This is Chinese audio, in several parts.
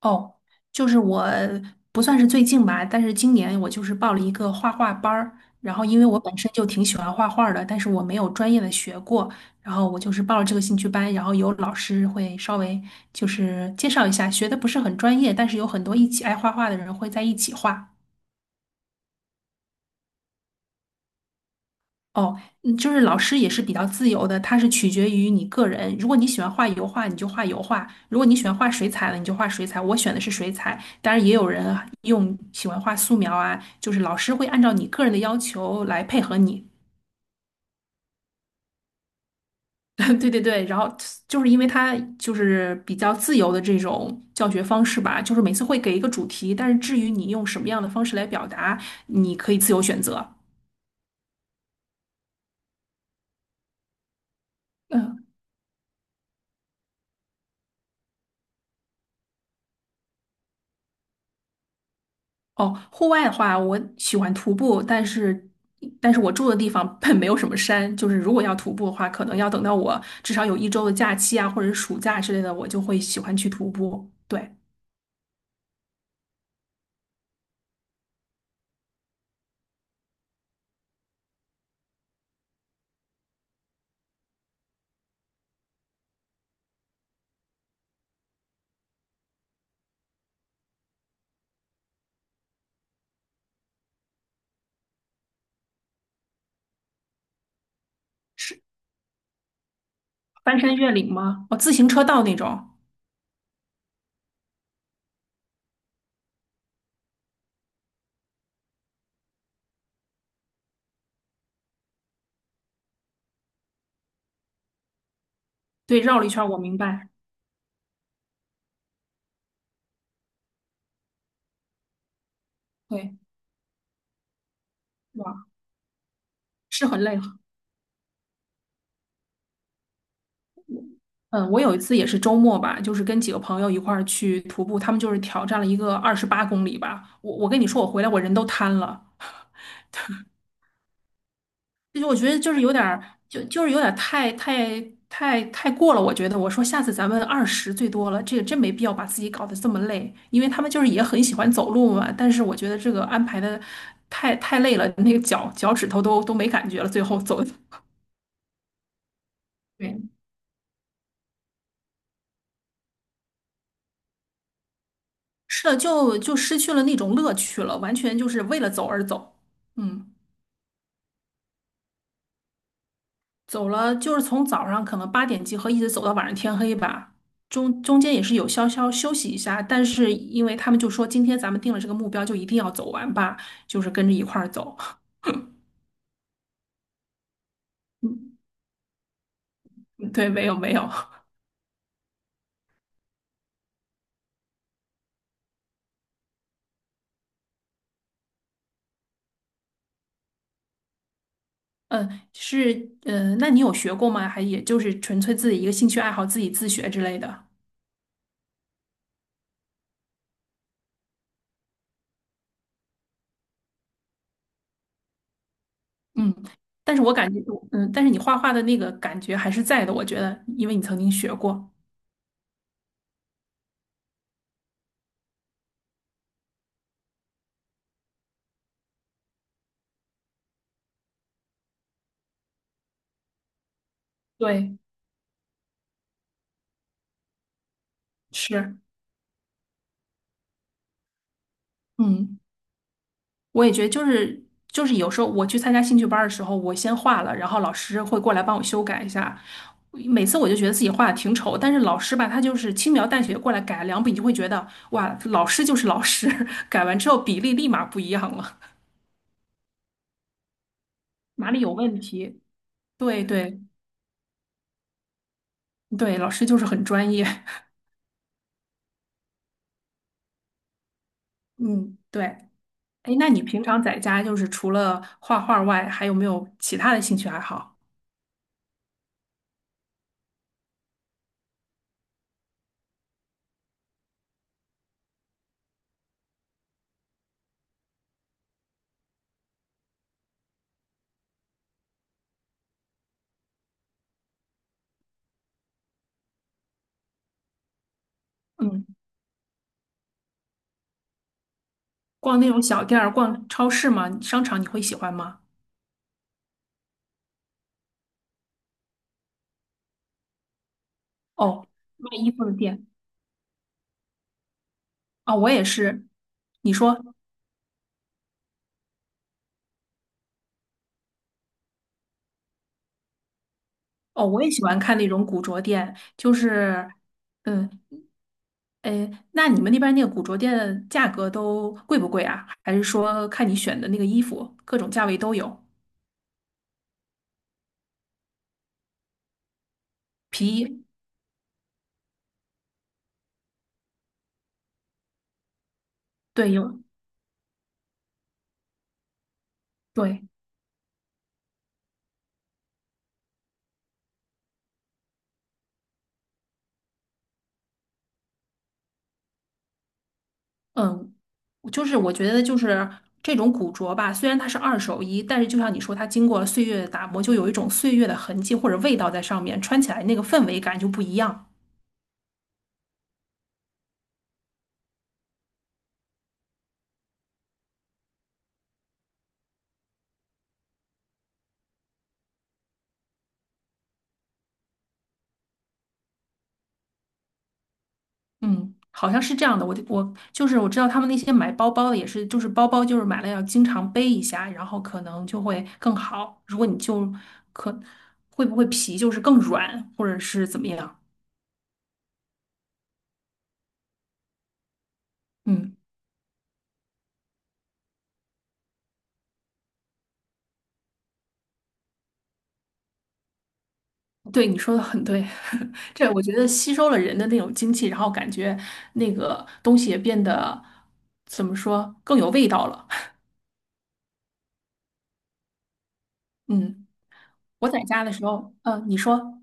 哦，就是我不算是最近吧，但是今年我就是报了一个画画班儿，然后因为我本身就挺喜欢画画儿的，但是我没有专业的学过，然后我就是报了这个兴趣班，然后有老师会稍微就是介绍一下，学的不是很专业，但是有很多一起爱画画的人会在一起画。哦，就是老师也是比较自由的，它是取决于你个人。如果你喜欢画油画，你就画油画；如果你喜欢画水彩了，你就画水彩。我选的是水彩，当然也有人啊用喜欢画素描啊，就是老师会按照你个人的要求来配合你。对对对，然后就是因为它就是比较自由的这种教学方式吧，就是每次会给一个主题，但是至于你用什么样的方式来表达，你可以自由选择。嗯。哦，户外的话，我喜欢徒步，但是我住的地方本没有什么山，就是如果要徒步的话，可能要等到我至少有一周的假期啊，或者是暑假之类的，我就会喜欢去徒步。对，是翻山越岭吗？哦，自行车道那种。对，绕了一圈儿，我明白。对，哇，是很累。嗯，我有一次也是周末吧，就是跟几个朋友一块儿去徒步，他们就是挑战了一个28公里吧。我跟你说，我回来我人都瘫了。就是我觉得就是有点儿，就是有点儿太过了。我觉得我说下次咱们二十最多了，这个真没必要把自己搞得这么累，因为他们就是也很喜欢走路嘛。但是我觉得这个安排的太累了，那个脚趾头都没感觉了，最后走 的对，是的，就失去了那种乐趣了，完全就是为了走而走。嗯。走了，就是从早上可能8点集合，一直走到晚上天黑吧。中间也是有稍稍休息一下，但是因为他们就说今天咱们定了这个目标，就一定要走完吧，就是跟着一块儿走。嗯，对，没有没有，嗯，是，嗯，那你有学过吗？还也就是纯粹自己一个兴趣爱好，自己自学之类的。嗯，但是我感觉，嗯，但是你画画的那个感觉还是在的，我觉得，因为你曾经学过。对，是，嗯。我也觉得就是有时候我去参加兴趣班儿的时候，我先画了，然后老师会过来帮我修改一下。每次我就觉得自己画的挺丑，但是老师吧，他就是轻描淡写地过来改两笔，你就会觉得哇，老师就是老师，改完之后比例立马不一样了，哪里有问题？对对对，老师就是很专业。嗯，对。哎，那你平常在家就是除了画画外，还有没有其他的兴趣爱好？嗯，逛那种小店儿、逛超市吗？商场你会喜欢吗？哦，卖衣服的店哦，我也是。你说哦，我也喜欢看那种古着店，就是嗯，哎，那你们那边那个古着店的价格都贵不贵啊？还是说看你选的那个衣服，各种价位都有？一，对，有，对，嗯，就是我觉得就是这种古着吧，虽然它是二手衣，但是就像你说，它经过了岁月的打磨，就有一种岁月的痕迹或者味道在上面，穿起来那个氛围感就不一样。嗯，好像是这样的。我就是我知道他们那些买包包的也是，就是包包就是买了要经常背一下，然后可能就会更好。如果你就可会不会皮就是更软，或者是怎么样？嗯，对，你说的很对。这我觉得吸收了人的那种精气，然后感觉那个东西也变得怎么说更有味道了。嗯，我在家的时候，嗯，你说。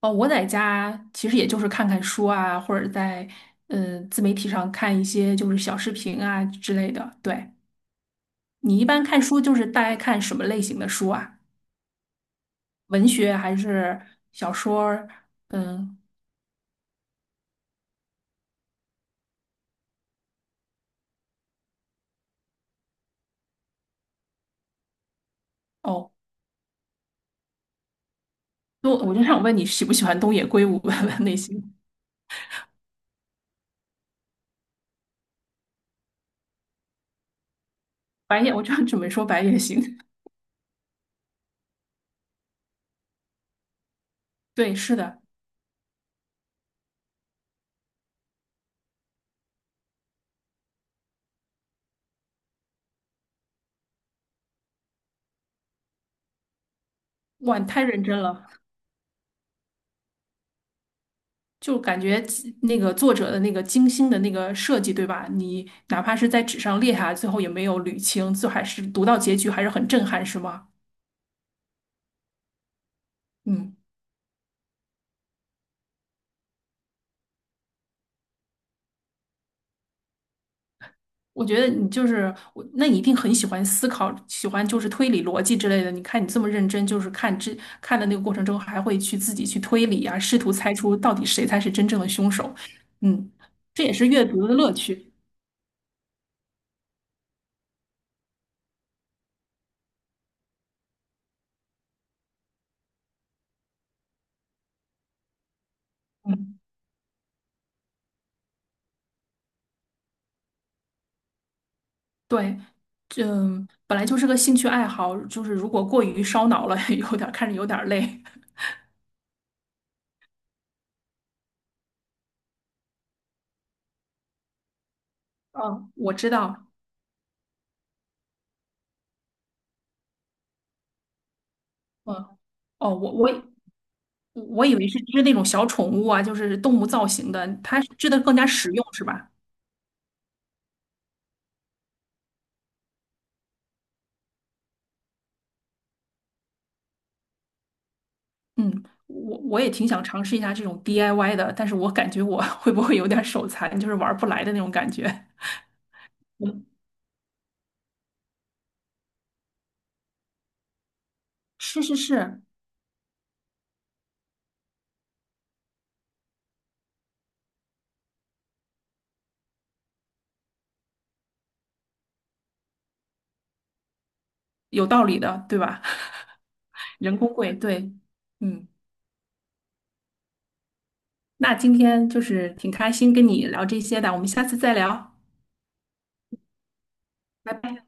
哦，我在家其实也就是看看书啊，或者在自媒体上看一些就是小视频啊之类的。对，你一般看书就是大概看什么类型的书啊？文学还是小说儿嗯，哦，我就想问你喜不喜欢东野圭吾 的类型？我就准备说白夜行。对，是的，哇，你太认真了。就感觉那个作者的那个精心的那个设计，对吧？你哪怕是在纸上列下来，最后也没有捋清，最后还是读到结局还是很震撼，是吗？嗯，我觉得你就是我，那你一定很喜欢思考，喜欢就是推理逻辑之类的。你看你这么认真，就是看的那个过程中，还会去自己去推理啊，试图猜出到底谁才是真正的凶手。嗯，这也是阅读的乐趣。嗯。对，嗯，本来就是个兴趣爱好，就是如果过于烧脑了，有点儿看着有点儿累。嗯，我知道。嗯，哦，我以为是织那种小宠物啊，就是动物造型的，它是织的更加实用，是吧？嗯，我也挺想尝试一下这种 DIY 的，但是我感觉我 会不会有点儿手残，就是玩儿不来的那种感觉。嗯，是是是，有道理的，对吧？人工贵，对，嗯。那今天就是挺开心跟你聊这些的，我们下次再聊，拜拜。